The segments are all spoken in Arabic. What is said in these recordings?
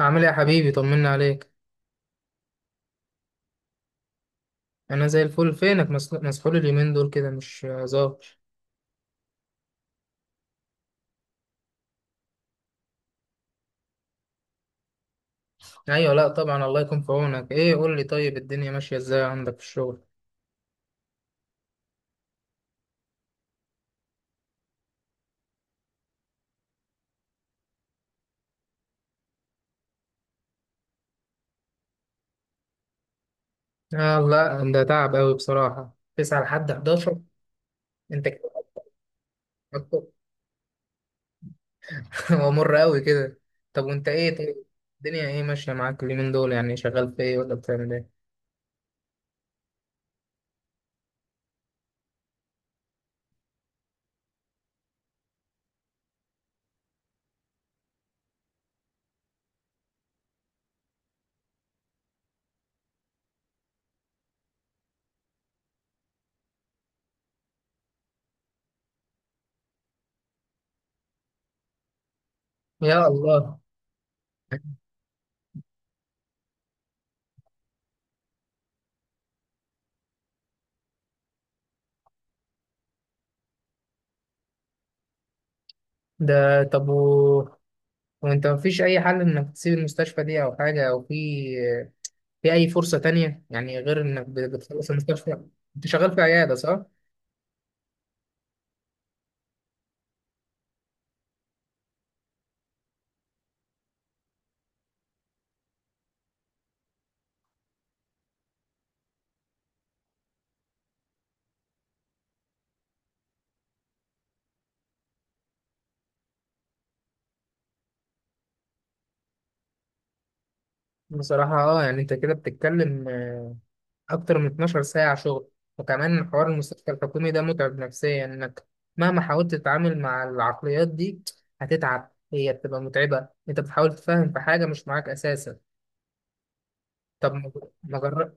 عامل ايه يا حبيبي؟ طمنا عليك. انا زي الفل. فينك؟ مسحول اليومين دول كده مش ظاهر. ايوه، لا طبعا، الله يكون في عونك. ايه قول لي، طيب، الدنيا ماشيه ازاي عندك في الشغل؟ آه لا، ده تعب قوي بصراحه، 9 لحد 11 انت كده. هو مر قوي كده. طب وانت ايه طيب، الدنيا ايه ماشيه معاك اليومين دول؟ يعني شغال في ايه ولا بتعمل ايه؟ يا الله. ده طب، وانت مفيش اي حل انك تسيب المستشفى دي او حاجه، او في أي فرصة تانية يعني، غير إنك بتخلص المستشفى؟ أنت شغال في عيادة صح؟ بصراحة أه، يعني أنت كده بتتكلم، أكتر من 12 ساعة شغل. وكمان حوار المستشفى الحكومي ده متعب نفسيا، إنك مهما حاولت تتعامل مع العقليات دي هتتعب. هي بتبقى متعبة، أنت بتحاول تفهم في حاجة مش معاك أساسا. طب ما ما جر...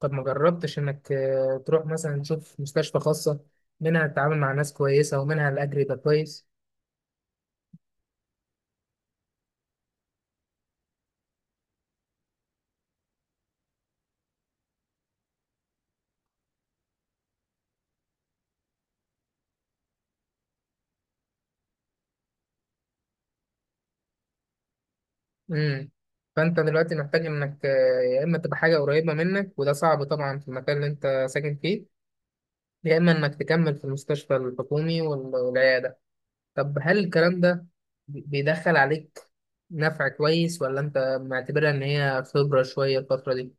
طب ما جربتش إنك، تروح مثلا تشوف مستشفى خاصة، منها تتعامل مع ناس كويسة ومنها الأجر يبقى كويس؟ امم فانت دلوقتي محتاج انك، يا اما تبقى حاجه قريبه منك وده صعب طبعا في المكان اللي انت ساكن فيه، يا اما انك تكمل في المستشفى الحكومي والعياده. طب هل الكلام ده بيدخل عليك نفع كويس، ولا انت معتبرها ان هي خبره شويه الفتره دي؟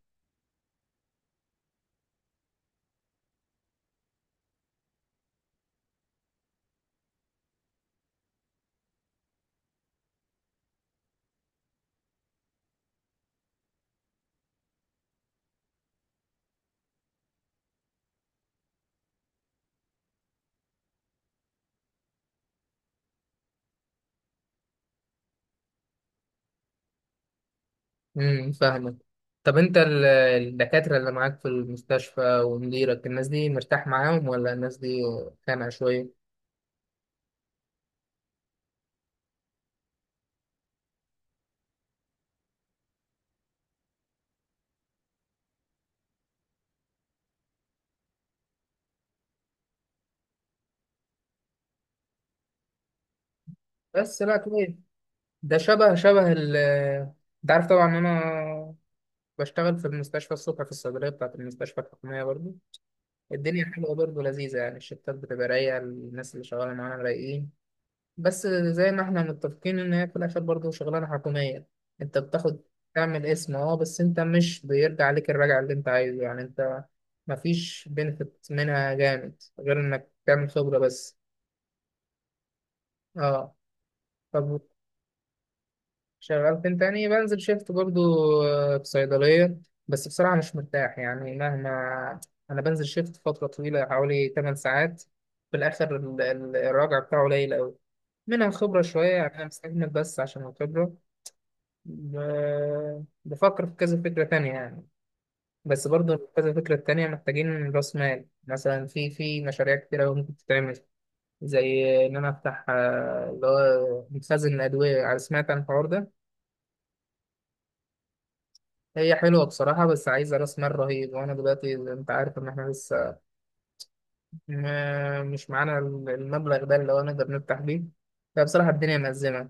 فاهمك. طب انت الدكاتره اللي معاك في المستشفى ومديرك، الناس دي مرتاح معاهم ولا الناس دي خانقه شويه؟ بس لا، كويس. ده شبه شبه ال انت عارف طبعا، انا بشتغل في المستشفى الصبح في الصيدلية بتاعة المستشفى الحكومية برضه. الدنيا حلوة برضه، لذيذة يعني. الشفتات بتبقى رايقة، الناس اللي شغالة معانا رايقين. بس زي ما احنا متفقين إن هي في الآخر برضه شغلانة حكومية. أنت بتاخد تعمل اسم، بس أنت مش بيرجع عليك الرجع اللي أنت عايزه، يعني أنت مفيش بنفيت منها جامد غير إنك تعمل خبرة بس. اه، طب، شغال فين تاني؟ بنزل شيفت برضو، في صيدلية. بس بصراحة مش مرتاح، يعني مهما. أنا بنزل شيفت فترة طويلة حوالي 8 ساعات، في الآخر الراجع بتاعه قليل أوي. منها خبرة شوية يعني، أنا مستحمل بس عشان الخبرة. بفكر في كذا فكرة تانية يعني، بس برضو كذا فكرة تانية محتاجين رأس مال. مثلا، في مشاريع كتيرة أوي ممكن تتعمل. زي إن أنا أفتح، اللي هو مخزن الأدوية. سمعت عن الحوار ده؟ هي حلوة بصراحة، بس عايزة رأس مال رهيب. وأنا دلوقتي أنت عارف إن إحنا لسه مش معانا المبلغ ده اللي هو نقدر نفتح بيه. فبصراحة الدنيا مأزمة،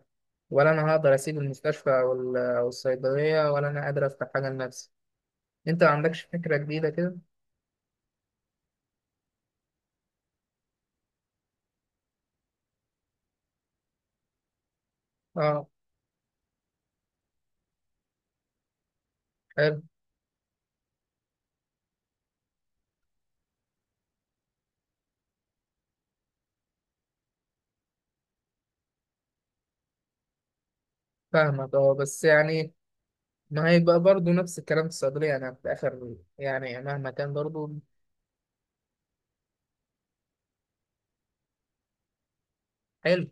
ولا أنا هقدر أسيب المستشفى أو الصيدلية، ولا أنا قادر أفتح حاجة لنفسي. أنت ما عندكش فكرة جديدة كده؟ أه، حلو، فاهمك. أه بس يعني، ما هيبقى برضه نفس الكلام في الصيدلية؟ أنا في الآخر يعني مهما كان برضه. حلو،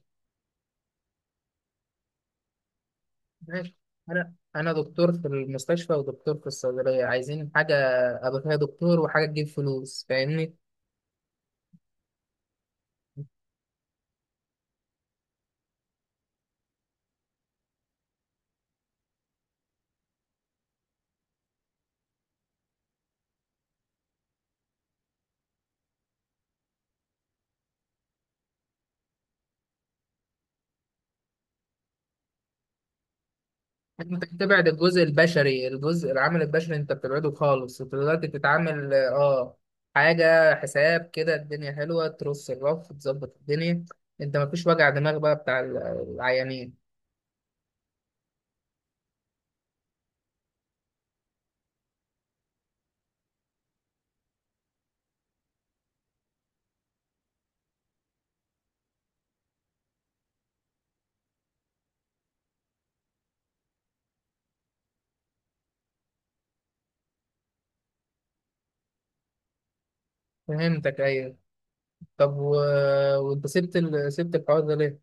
ماشي. انا دكتور في المستشفى ودكتور في الصيدليه، عايزين حاجه ابقى فيها دكتور وحاجه تجيب فلوس، فاهمني؟ انت بتبعد الجزء البشري. الجزء العامل البشري انت بتبعده خالص. انت دلوقتي بتتعامل حاجه حساب كده، الدنيا حلوه، ترص الرف، تظبط الدنيا. انت مفيش وجع دماغ بقى بتاع العيانين. فهمتك، ايوه. طب وانت سبت سبت الحوار ده ليه؟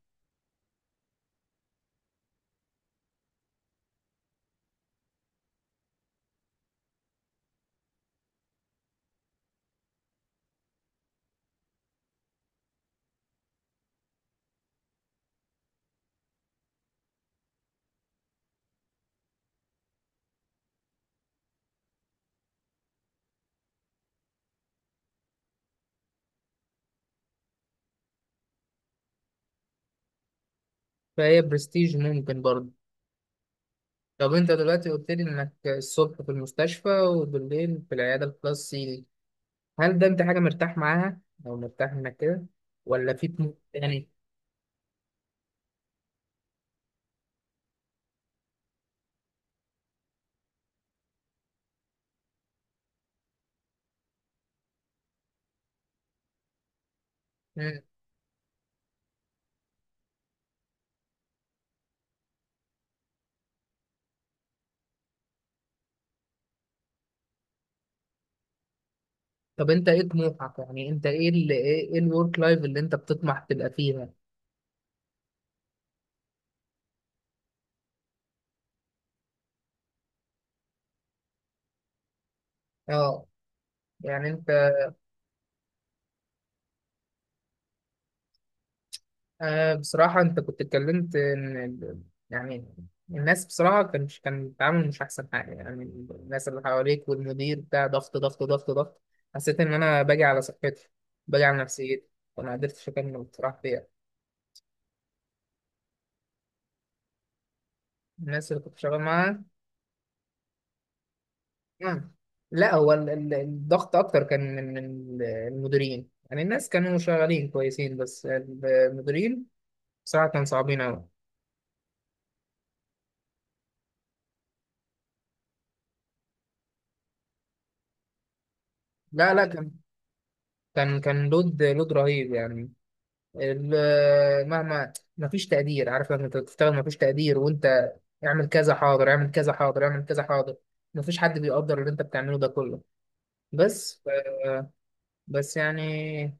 فهي برستيج ممكن برضه. طب انت دلوقتي قلت لي انك الصبح في المستشفى وبالليل في العياده الخاصة، هل ده انت حاجه مرتاح معاها، او مرتاح انك كده، ولا في طموح يعني؟ مم. طب انت ايه طموحك؟ يعني انت ايه اللي، ايه الورك لايف اللي انت بتطمح تبقى فيها؟ اه، يعني انت، بصراحة أنت كنت اتكلمت إن يعني الناس، بصراحة كان التعامل مش أحسن حاجة يعني. الناس اللي حواليك والمدير بتاع، ضغط ضغط ضغط ضغط، حسيت إن أنا باجي على صحتي، باجي على نفسيتي، وما قدرتش أكمل بصراحة فيها. الناس اللي كنت شغال معاها. مم. لا هو الضغط أكتر كان من المديرين، يعني الناس كانوا شغالين كويسين بس المديرين بصراحة كانوا صعبين أوي. لا لا، كان لود لود رهيب يعني. مهما ما فيش تقدير، عارف؟ لما انت بتشتغل ما فيش تقدير، وانت اعمل كذا حاضر، اعمل كذا حاضر، اعمل كذا حاضر، ما فيش حد بيقدر اللي انت بتعمله ده كله. بس ف- بس يعني،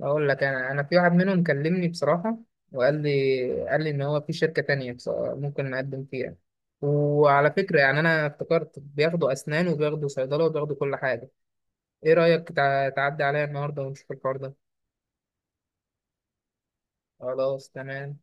اقول لك، انا في واحد منهم كلمني بصراحة، وقال لي، قال لي ان هو في شركة تانية، ممكن نقدم فيها. وعلى فكرة يعني، انا افتكرت بياخدوا اسنان وبياخدوا صيدلة وبياخدوا كل حاجة. ايه رأيك تعدي عليا النهاردة ونشوف الحوار ده؟ خلاص، تمام.